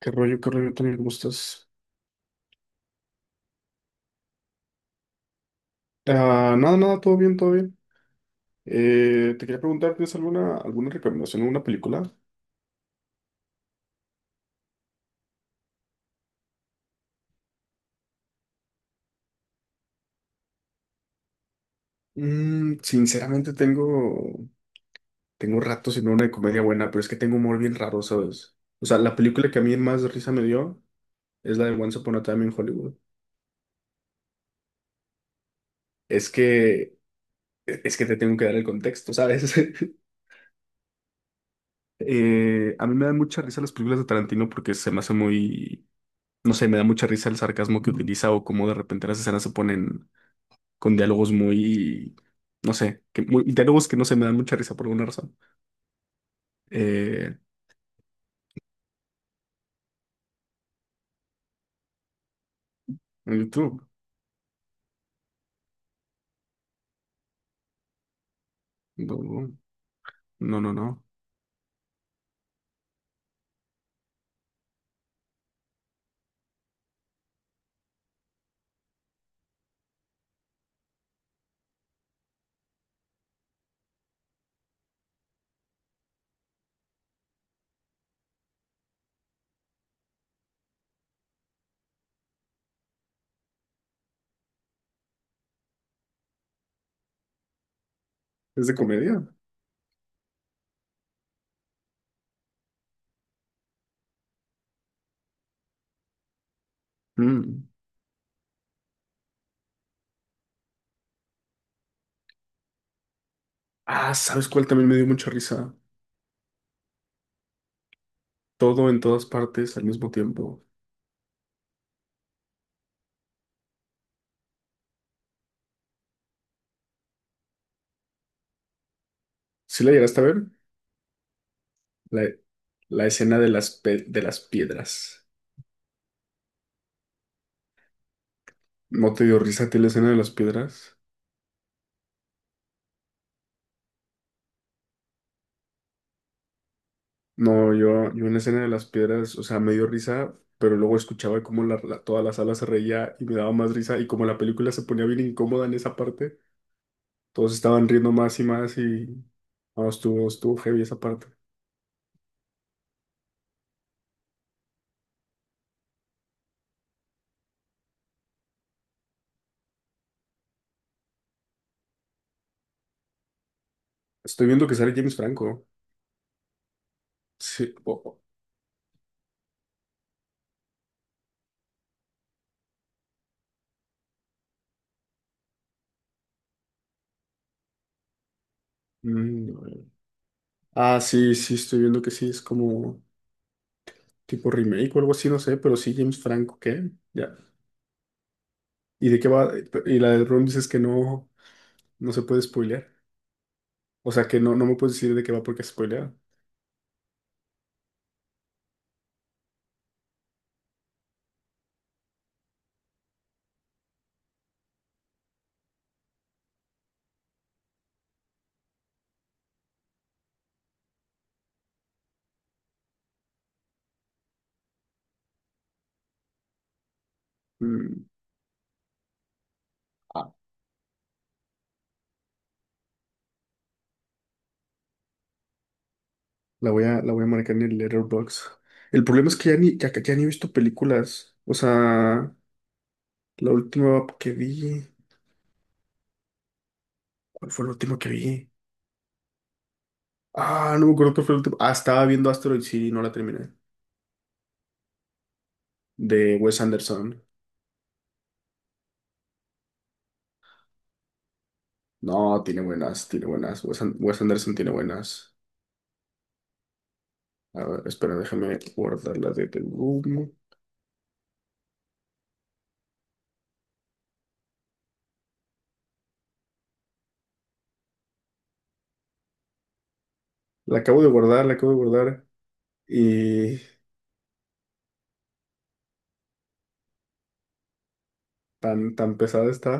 Qué rollo, Tony? ¿Cómo estás? Ah, nada, nada, todo bien, todo bien. Te quería preguntar, ¿tienes alguna recomendación, alguna película? Mm, sinceramente tengo rato sin ver una de comedia buena, pero es que tengo humor bien raro, ¿sabes? O sea, la película que a mí más risa me dio es la de Once Upon a Time in Hollywood. Es que, es que te tengo que dar el contexto, ¿sabes? A mí me dan mucha risa las películas de Tarantino porque se me hace no sé, me da mucha risa el sarcasmo que utiliza o cómo de repente las escenas se ponen con no sé, que diálogos que no se me dan mucha risa por alguna razón. Eh, en YouTube. No, no, no. ¿Es de comedia? Mm. Ah, ¿sabes cuál también me dio mucha risa? Todo en todas partes al mismo tiempo. ¿Sí la llegaste a ver? La, la escena de de las piedras. ¿No te dio risa a ti la escena de las piedras? No, yo en la escena de las piedras, o sea, me dio risa, pero luego escuchaba cómo toda la sala se reía y me daba más risa y como la película se ponía bien incómoda en esa parte, todos estaban riendo más y más y no, estuvo heavy esa parte. Estoy viendo que sale James Franco. Sí. Mm, ah, sí, estoy viendo que sí, es como tipo remake o algo así, no sé, pero sí, James Franco, ¿qué? Ya. ¿Y de qué va? Y la de Ron dices que no se puede spoilear. O sea, que no, no me puedes decir de qué va porque es spoileada. Ah, la voy a, la voy a marcar en el Letterboxd. El problema es que ya ya ni he visto películas. O sea, la última que vi. ¿Cuál fue la última que vi? Ah, no me acuerdo cuál fue la última. Ah, estaba viendo Asteroid City y no la terminé. De Wes Anderson. No, tiene buenas, tiene buenas. Wes Anderson tiene buenas. A ver, espera, déjame guardar la de The Room. La acabo de guardar, la acabo de guardar. Y tan pesada está.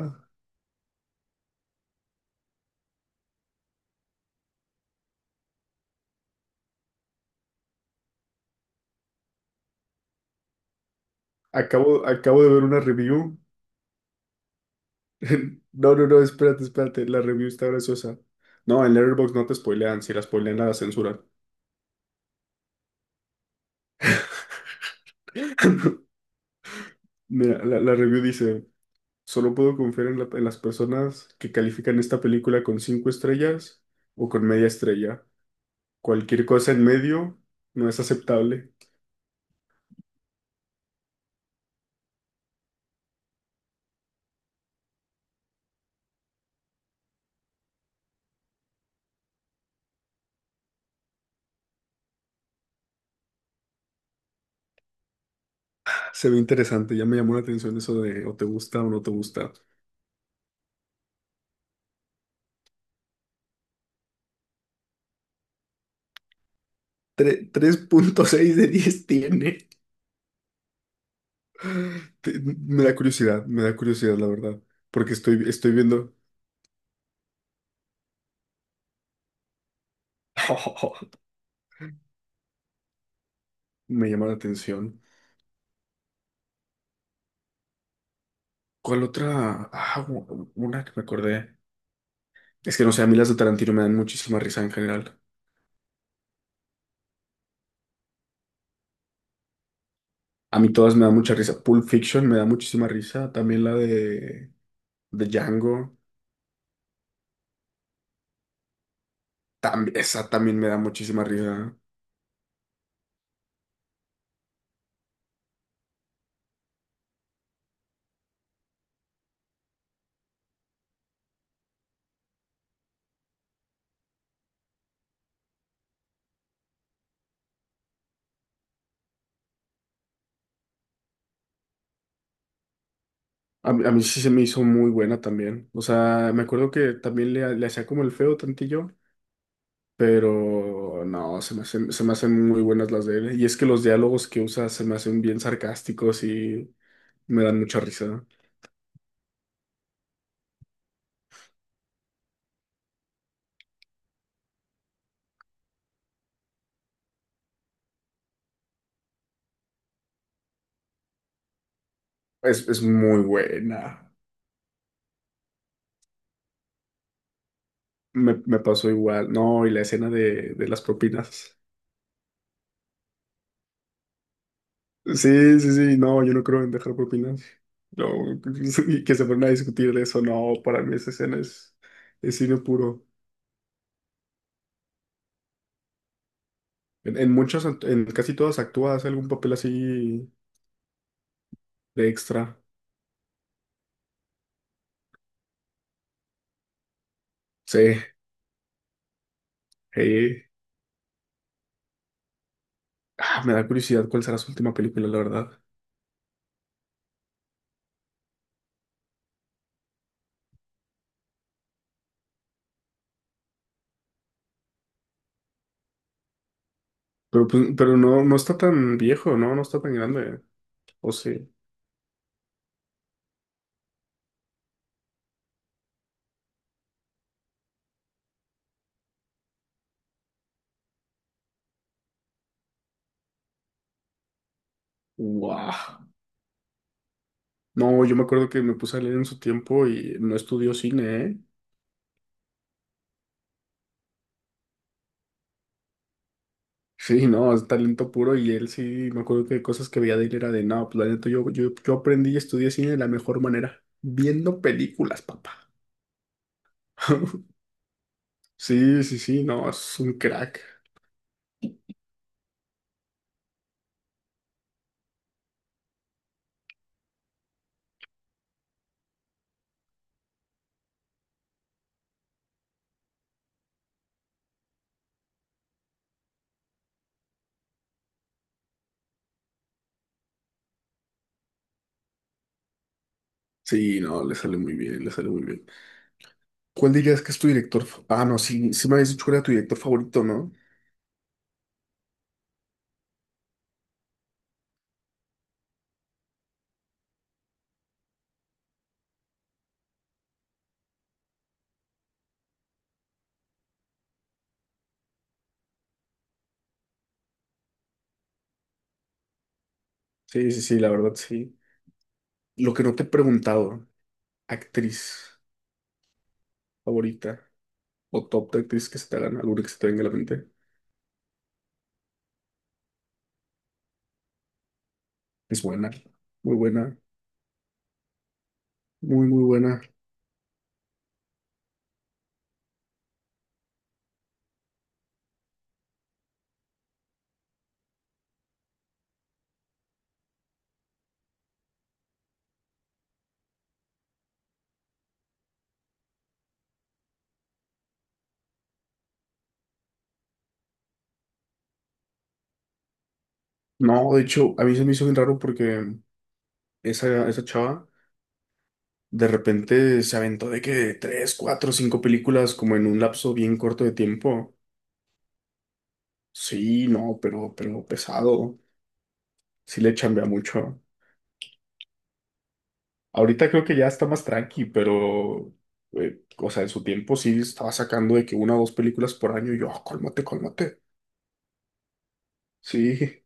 Acabo de ver una review. No, no, no, espérate, espérate. La review está graciosa. No, en Letterboxd no te spoilean. Si la spoilean, la censuran. Mira, la review dice: Solo puedo confiar en, en las personas que califican esta película con 5 estrellas o con media estrella. Cualquier cosa en medio no es aceptable. Se ve interesante. Ya me llamó la atención eso de o te gusta o no te gusta. 3.6 de 10 tiene. Me da curiosidad, la verdad. Porque estoy, estoy viendo. Me llama la atención. ¿Cuál otra? Ah, una que me acordé. Es que no sé, a mí las de Tarantino me dan muchísima risa en general. A mí todas me dan mucha risa. Pulp Fiction me da muchísima risa. También la de Django. También, esa también me da muchísima risa. A mí sí se me hizo muy buena también. O sea, me acuerdo que también le hacía como el feo tantillo, pero no, se me hacen muy buenas las de él. Y es que los diálogos que usa se me hacen bien sarcásticos y me dan mucha risa. Es muy buena. Me pasó igual. No, y la escena de las propinas. Sí, sí, sí. No, yo no creo en dejar propinas. No, y que se ponen a discutir de eso. No, para mí esa escena es cine puro. En muchos, en casi todas actúa, hace algún papel así de extra. Sí, sí. Ah, me da curiosidad cuál será su última película, la verdad. Pero, pues, pero no, no está tan viejo, ¿no? No está tan grande. O sí. Wow. No, yo me acuerdo que me puse a leer en su tiempo y no estudió cine, ¿eh? Sí, no, es talento puro y él sí, me acuerdo que cosas que veía de él era de, no, pues la neta, yo aprendí y estudié cine de la mejor manera, viendo películas, papá. Sí, sí, sí, no, es un crack. Sí, no, le sale muy bien, le sale muy bien. ¿Cuál dirías que es tu director? Ah, no, sí, sí me habías dicho que era tu director favorito, ¿no? Sí, sí, sí, la verdad, sí. Lo que no te he preguntado, actriz favorita o top de actriz que se te hagan, alguna que se te venga a la mente. Es buena, muy, muy buena. No, de hecho, a mí se me hizo bien raro porque esa chava de repente se aventó de que 3, 4, 5 películas como en un lapso bien corto de tiempo. Sí, no, pero pesado. Sí le chambea mucho. Ahorita creo que ya está más tranqui, pero, o sea, en su tiempo sí estaba sacando de que una o dos películas por año. Y yo, "Ah, cálmate, cálmate. Sí,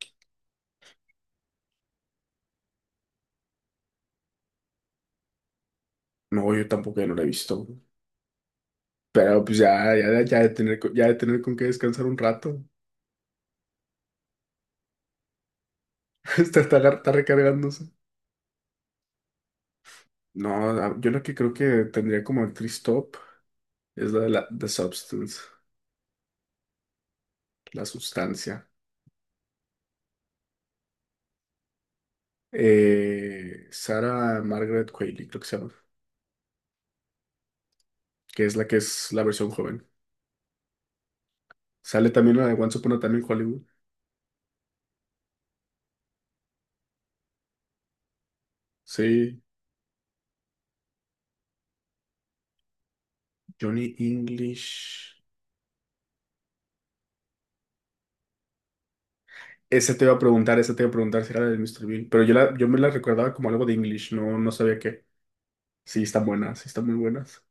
no, yo tampoco ya no la he visto. Pero pues ya, ya, ya de ya de tener con qué descansar un rato. Está, está recargándose. No, yo lo que creo que tendría como actriz top es la de la The Substance, la sustancia. Sarah Margaret Qualley, creo que se llama, que es la versión joven. Sale también la de Once Upon a Time en Hollywood. Sí, Johnny English. Esa te iba a preguntar, esa te iba a preguntar si era la de Mr. Bean, pero yo, la, yo me la recordaba como algo de English, no, no sabía qué. Sí, están buenas, sí, están muy buenas.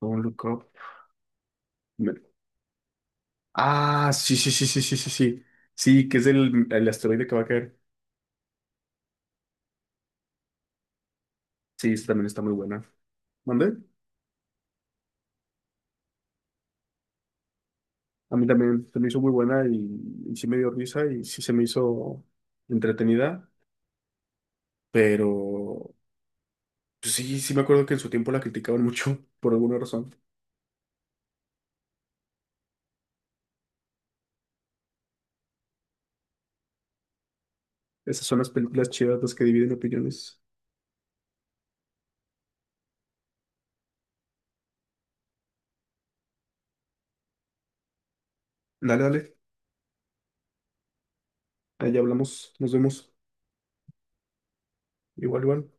Don't Look Up. Me- Ah, sí, sí, sí, sí, sí, sí, sí. Sí, que es el asteroide que va a caer. Sí, esta también está muy buena. ¿Mande? A mí también se me hizo muy buena y sí me dio risa y sí se me hizo entretenida, pero pues sí, sí me acuerdo que en su tiempo la criticaban mucho por alguna razón. Esas son las películas chidas las que dividen opiniones. Dale, dale. Allá hablamos, nos vemos. Igual, igual.